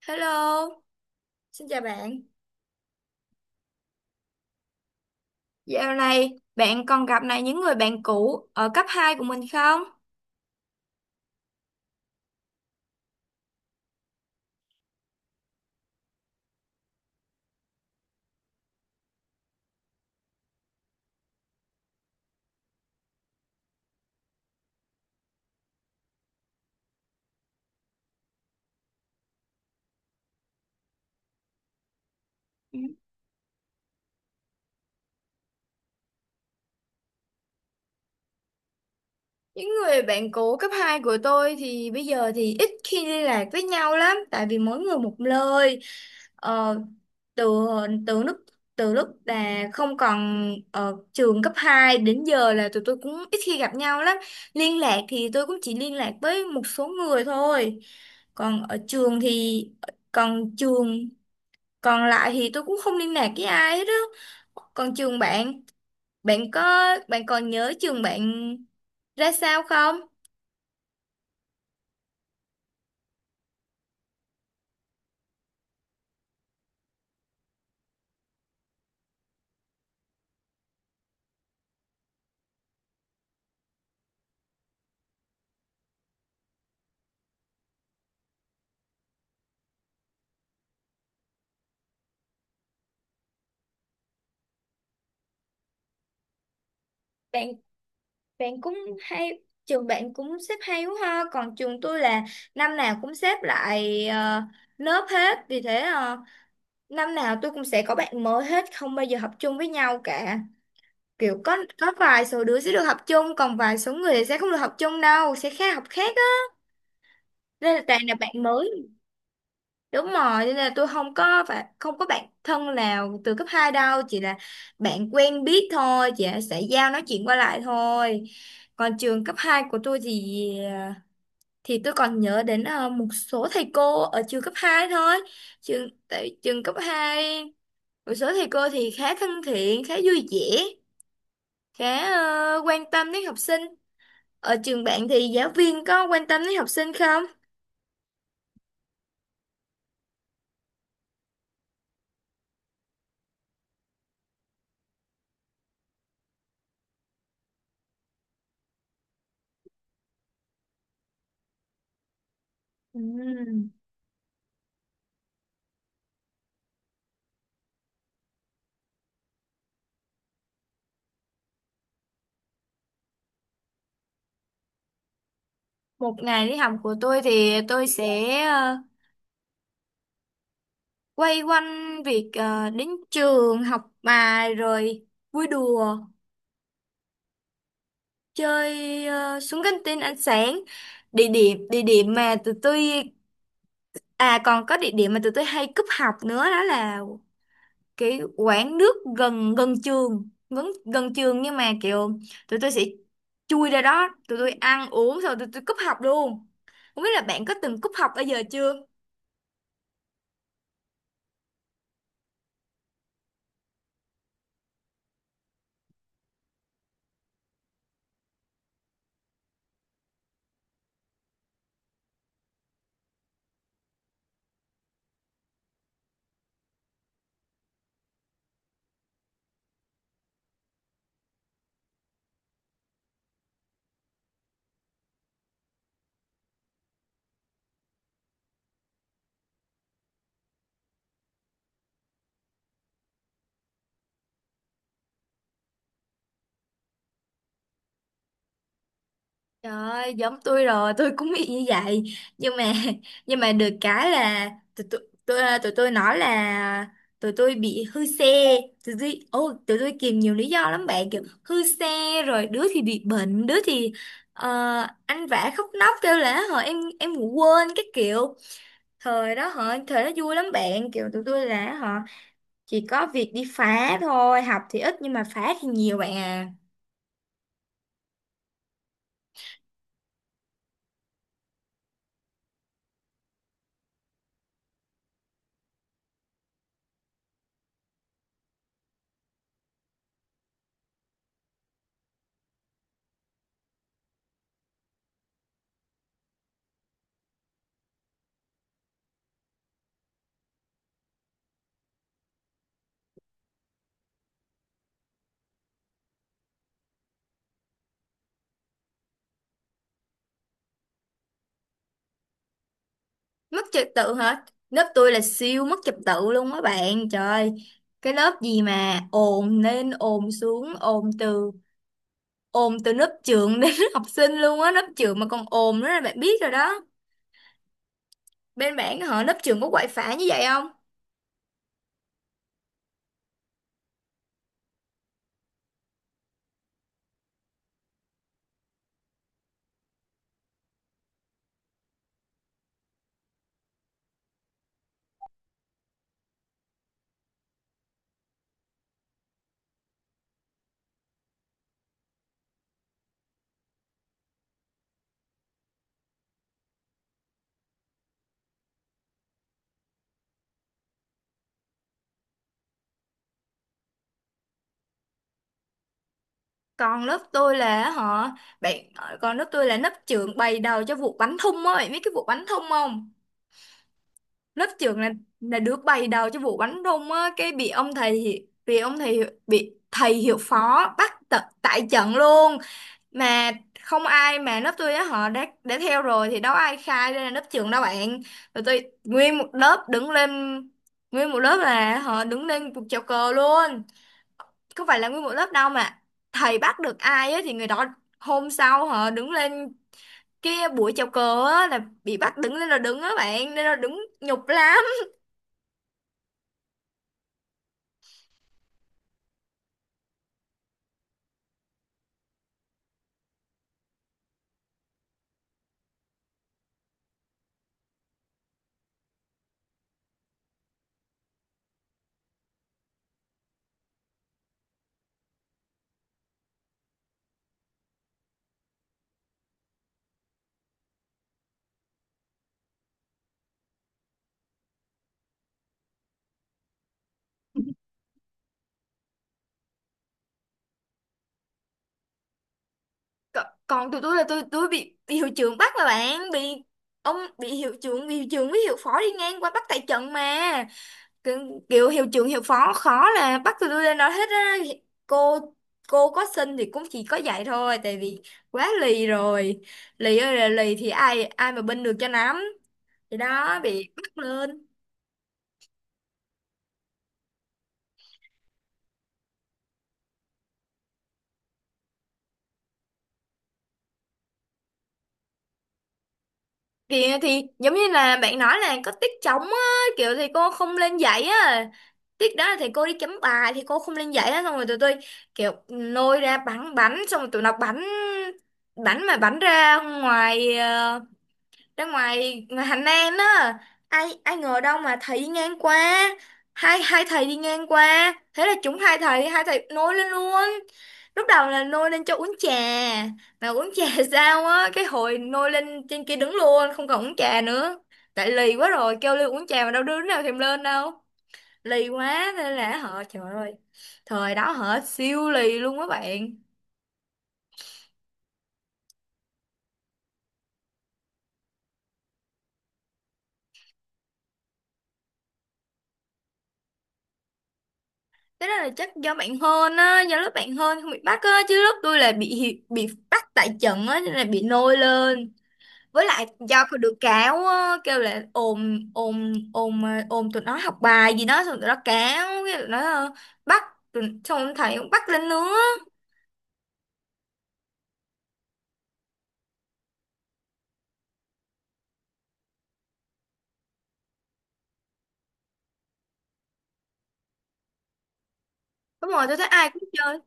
Hello, xin chào bạn. Dạo này bạn còn gặp lại những người bạn cũ ở cấp 2 của mình không? Ừ. Những người bạn cũ cấp 2 của tôi thì bây giờ thì ít khi liên lạc với nhau lắm tại vì mỗi người một nơi. Ờ, từ từ lúc từ lúc là không còn ở trường cấp 2 đến giờ là tụi tôi cũng ít khi gặp nhau lắm. Liên lạc thì tôi cũng chỉ liên lạc với một số người thôi. Còn ở trường thì còn trường còn lại thì tôi cũng không liên lạc với ai hết á. Còn trường bạn, bạn có bạn còn nhớ trường bạn ra sao không? Bạn bạn cũng hay, trường bạn cũng xếp hay quá ha. Còn trường tôi là năm nào cũng xếp lại lớp hết, vì thế năm nào tôi cũng sẽ có bạn mới hết, không bao giờ học chung với nhau cả. Kiểu có vài số đứa sẽ được học chung, còn vài số người sẽ không được học chung đâu, sẽ khác học khác á, nên là toàn là bạn mới. Đúng rồi, nên là tôi không có, phải không có bạn thân nào từ cấp 2 đâu, chỉ là bạn quen biết thôi, chỉ là xã giao nói chuyện qua lại thôi. Còn trường cấp 2 của tôi thì thì tôi còn nhớ đến một số thầy cô ở trường cấp 2 thôi. Tại trường cấp 2 một số thầy cô thì khá thân thiện, khá vui vẻ, khá quan tâm đến học sinh. Ở trường bạn thì giáo viên có quan tâm đến học sinh không? Ừm. Một ngày đi học của tôi thì tôi sẽ quay quanh việc đến trường học bài, rồi vui đùa chơi, xuống căng tin ăn sáng. Địa điểm mà tụi tôi, à, còn có địa điểm mà tụi tôi hay cúp học nữa, đó là cái quán nước gần gần trường, gần gần trường nhưng mà kiểu tụi tôi sẽ chui ra đó, tụi tôi ăn uống xong tụi tôi cúp học luôn. Không biết là bạn có từng cúp học bao giờ chưa? Trời ơi, giống tôi rồi, tôi cũng bị như vậy. Nhưng mà nhưng mà được cái là tụi tôi, tụi, tụi tôi nói là tụi tôi bị hư xe, tụi tôi, ô, tụi tôi kìm nhiều lý do lắm bạn, kiểu hư xe, rồi đứa thì bị bệnh, đứa thì ờ, ăn vạ khóc nóc kêu là họ em ngủ quên cái kiểu. Thời đó họ, thời đó vui lắm bạn, kiểu tụi tôi là họ chỉ có việc đi phá thôi, học thì ít nhưng mà phá thì nhiều bạn à. Mất trật tự hả? Lớp tôi là siêu mất trật tự luôn á bạn, trời ơi, cái lớp gì mà ồn lên ồn xuống, ồn từ lớp trưởng đến lớp học sinh luôn á, lớp trưởng mà còn ồn nữa là bạn biết rồi đó. Bên bạn họ, lớp trưởng có quậy phá như vậy không? Còn lớp tôi là họ, bạn, còn lớp tôi là lớp trưởng bày đầu cho vụ bánh thung á, bạn biết cái vụ bánh thung không? Lớp trưởng là đứa bày đầu cho vụ bánh thung á, cái bị ông thầy, bị thầy hiệu phó bắt tại trận luôn. Mà không ai, mà lớp tôi á họ đã theo rồi thì đâu ai khai ra là lớp trưởng đâu bạn. Rồi tôi nguyên một lớp đứng lên, nguyên một lớp là họ đứng lên cuộc chào cờ luôn. Không phải là nguyên một lớp đâu, mà thầy bắt được ai á thì người đó hôm sau họ đứng lên kia buổi chào cờ á, là bị bắt đứng lên là đứng á bạn, nên là đứng nhục lắm. Còn tụi tôi là tôi bị hiệu trưởng bắt mà bạn, bị ông, bị hiệu trưởng, với hiệu phó đi ngang qua bắt tại trận mà. Kiểu, kiểu hiệu trưởng hiệu phó khó là bắt tụi tôi lên nói hết á. Cô cô có xin thì cũng chỉ có dạy thôi, tại vì quá lì rồi, lì ơi là lì, thì ai ai mà binh được cho nắm, thì đó bị bắt lên. Kìa thì giống như là bạn nói là có tiết trống á, kiểu thì cô không lên dạy á, tiết đó là thầy cô đi chấm bài thì cô không lên dạy á, xong rồi tụi tôi kiểu nôi ra bắn bánh, xong rồi tụi nó bắn, bắn mà bắn ra ngoài, ra ngoài, ngoài Hành An á, ai ai ngờ đâu mà thầy đi ngang qua, hai hai thầy đi ngang qua, thế là chúng, hai thầy nôi lên luôn. Lúc đầu là nôi lên cho uống trà, mà uống trà sao á, cái hồi nôi lên trên kia đứng luôn, không còn uống trà nữa. Tại lì quá rồi, kêu lên uống trà mà đâu đứa nào thèm lên đâu, lì quá nên là họ, trời ơi, thời đó họ siêu lì luôn các bạn. Thế đó là chắc do bạn hơn á, do lớp bạn hơn không bị bắt á, chứ lớp tôi là bị bị bắt tại trận á, nên là bị nôi lên. Với lại do có được cáo á, kêu là ồn ồn ồn, ồn tụi nó học bài gì đó, xong tụi nó cáo, cái tụi nó, bắt, tụi, xong ông thầy cũng bắt lên nữa. Đúng rồi, tôi thấy ai cũng chơi.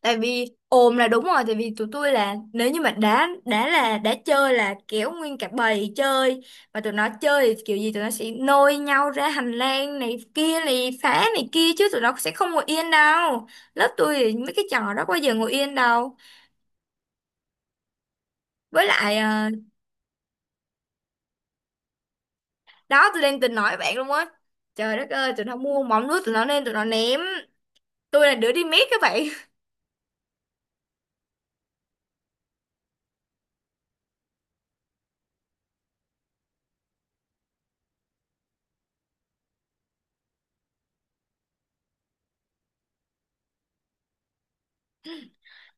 Tại vì ồn là đúng rồi, tại vì tụi tôi là nếu như mà đã là đã chơi là kéo nguyên cả bầy chơi, và tụi nó chơi thì kiểu gì tụi nó sẽ nôi nhau ra hành lang này kia này phá này kia, chứ tụi nó sẽ không ngồi yên đâu. Lớp tôi thì mấy cái trò đó bao giờ ngồi yên đâu. Với lại à, đó tôi đang tính nói với bạn luôn á. Trời đất ơi, tụi nó mua mỏng nước tụi nó, nên tụi nó ném, tôi là đứa đi mét các bạn.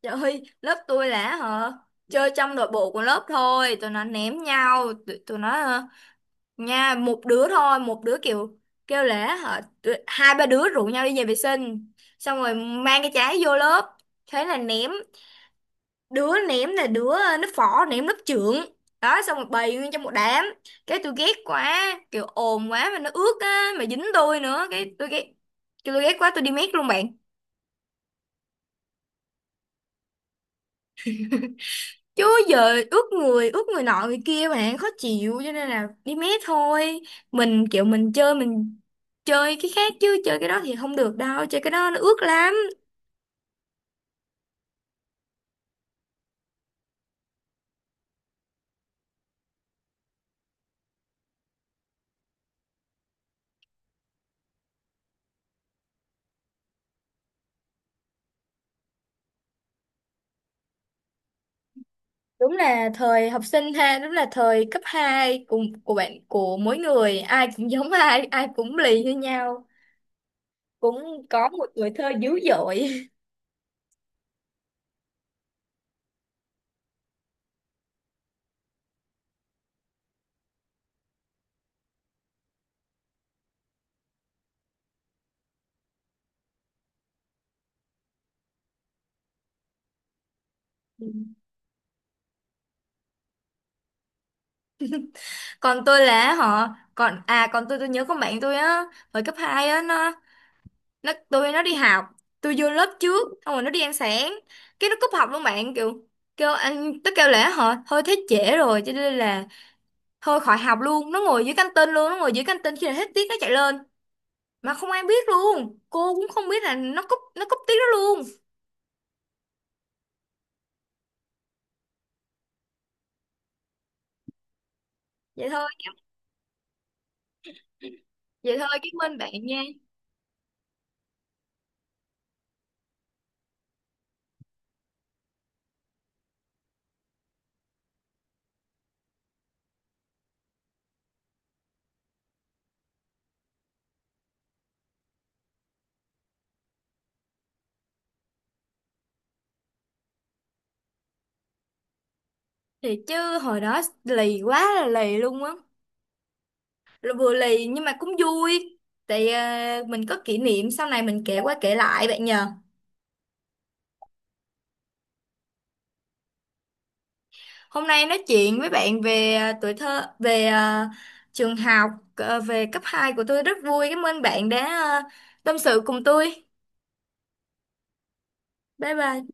Trời ơi, lớp tôi là hả chơi trong nội bộ của lớp thôi, tụi nó ném nhau, tụi nó nha, một đứa thôi, một đứa kiểu kêu lễ hả, tụi-, hai ba đứa rủ nhau đi nhà vệ sinh, xong rồi mang cái trái vô lớp, thế là ném. Đứa ném là đứa nó phỏ ném lớp trưởng, đó xong rồi bày nguyên trong một đám, cái tôi ghét quá, kiểu ồn quá mà nó ướt á mà dính tôi nữa, cái tôi ghét, quá tôi đi mét luôn bạn. Chứ giờ ướt người nọ người kia bạn khó chịu, cho nên là đi mé thôi. Mình kiểu mình chơi, cái khác, chứ chơi cái đó thì không được đâu, chơi cái đó nó ướt lắm. Đúng là thời học sinh ha, đúng là thời cấp 2 của bạn, của mỗi người ai cũng giống ai, ai cũng lì như nhau, cũng có một tuổi thơ dữ dội. Còn tôi là họ, còn à, còn tôi nhớ con bạn tôi á, hồi cấp 2 á nó tôi, nó đi học, tôi vô lớp trước xong rồi nó đi ăn sáng, cái nó cúp học luôn bạn, kiểu kêu anh tôi kêu lẽ hả, thôi thế trễ rồi cho nên là thôi khỏi học luôn, nó ngồi dưới căng tin luôn, nó ngồi dưới căng tin khi nào hết tiết nó chạy lên, mà không ai biết luôn, cô cũng không biết là nó cúp, tiết đó luôn. Vậy thôi. Vậy thôi, cái bên bạn nha. Thì chứ hồi đó lì quá là lì luôn á. Rồi vừa lì nhưng mà cũng vui, tại à, mình có kỷ niệm sau này mình kể qua kể lại bạn nhờ. Hôm nay nói chuyện với bạn về à, tuổi thơ, về à, trường học, à, về cấp 2 của tôi rất vui. Cảm ơn bạn đã à, tâm sự cùng tôi. Bye bye.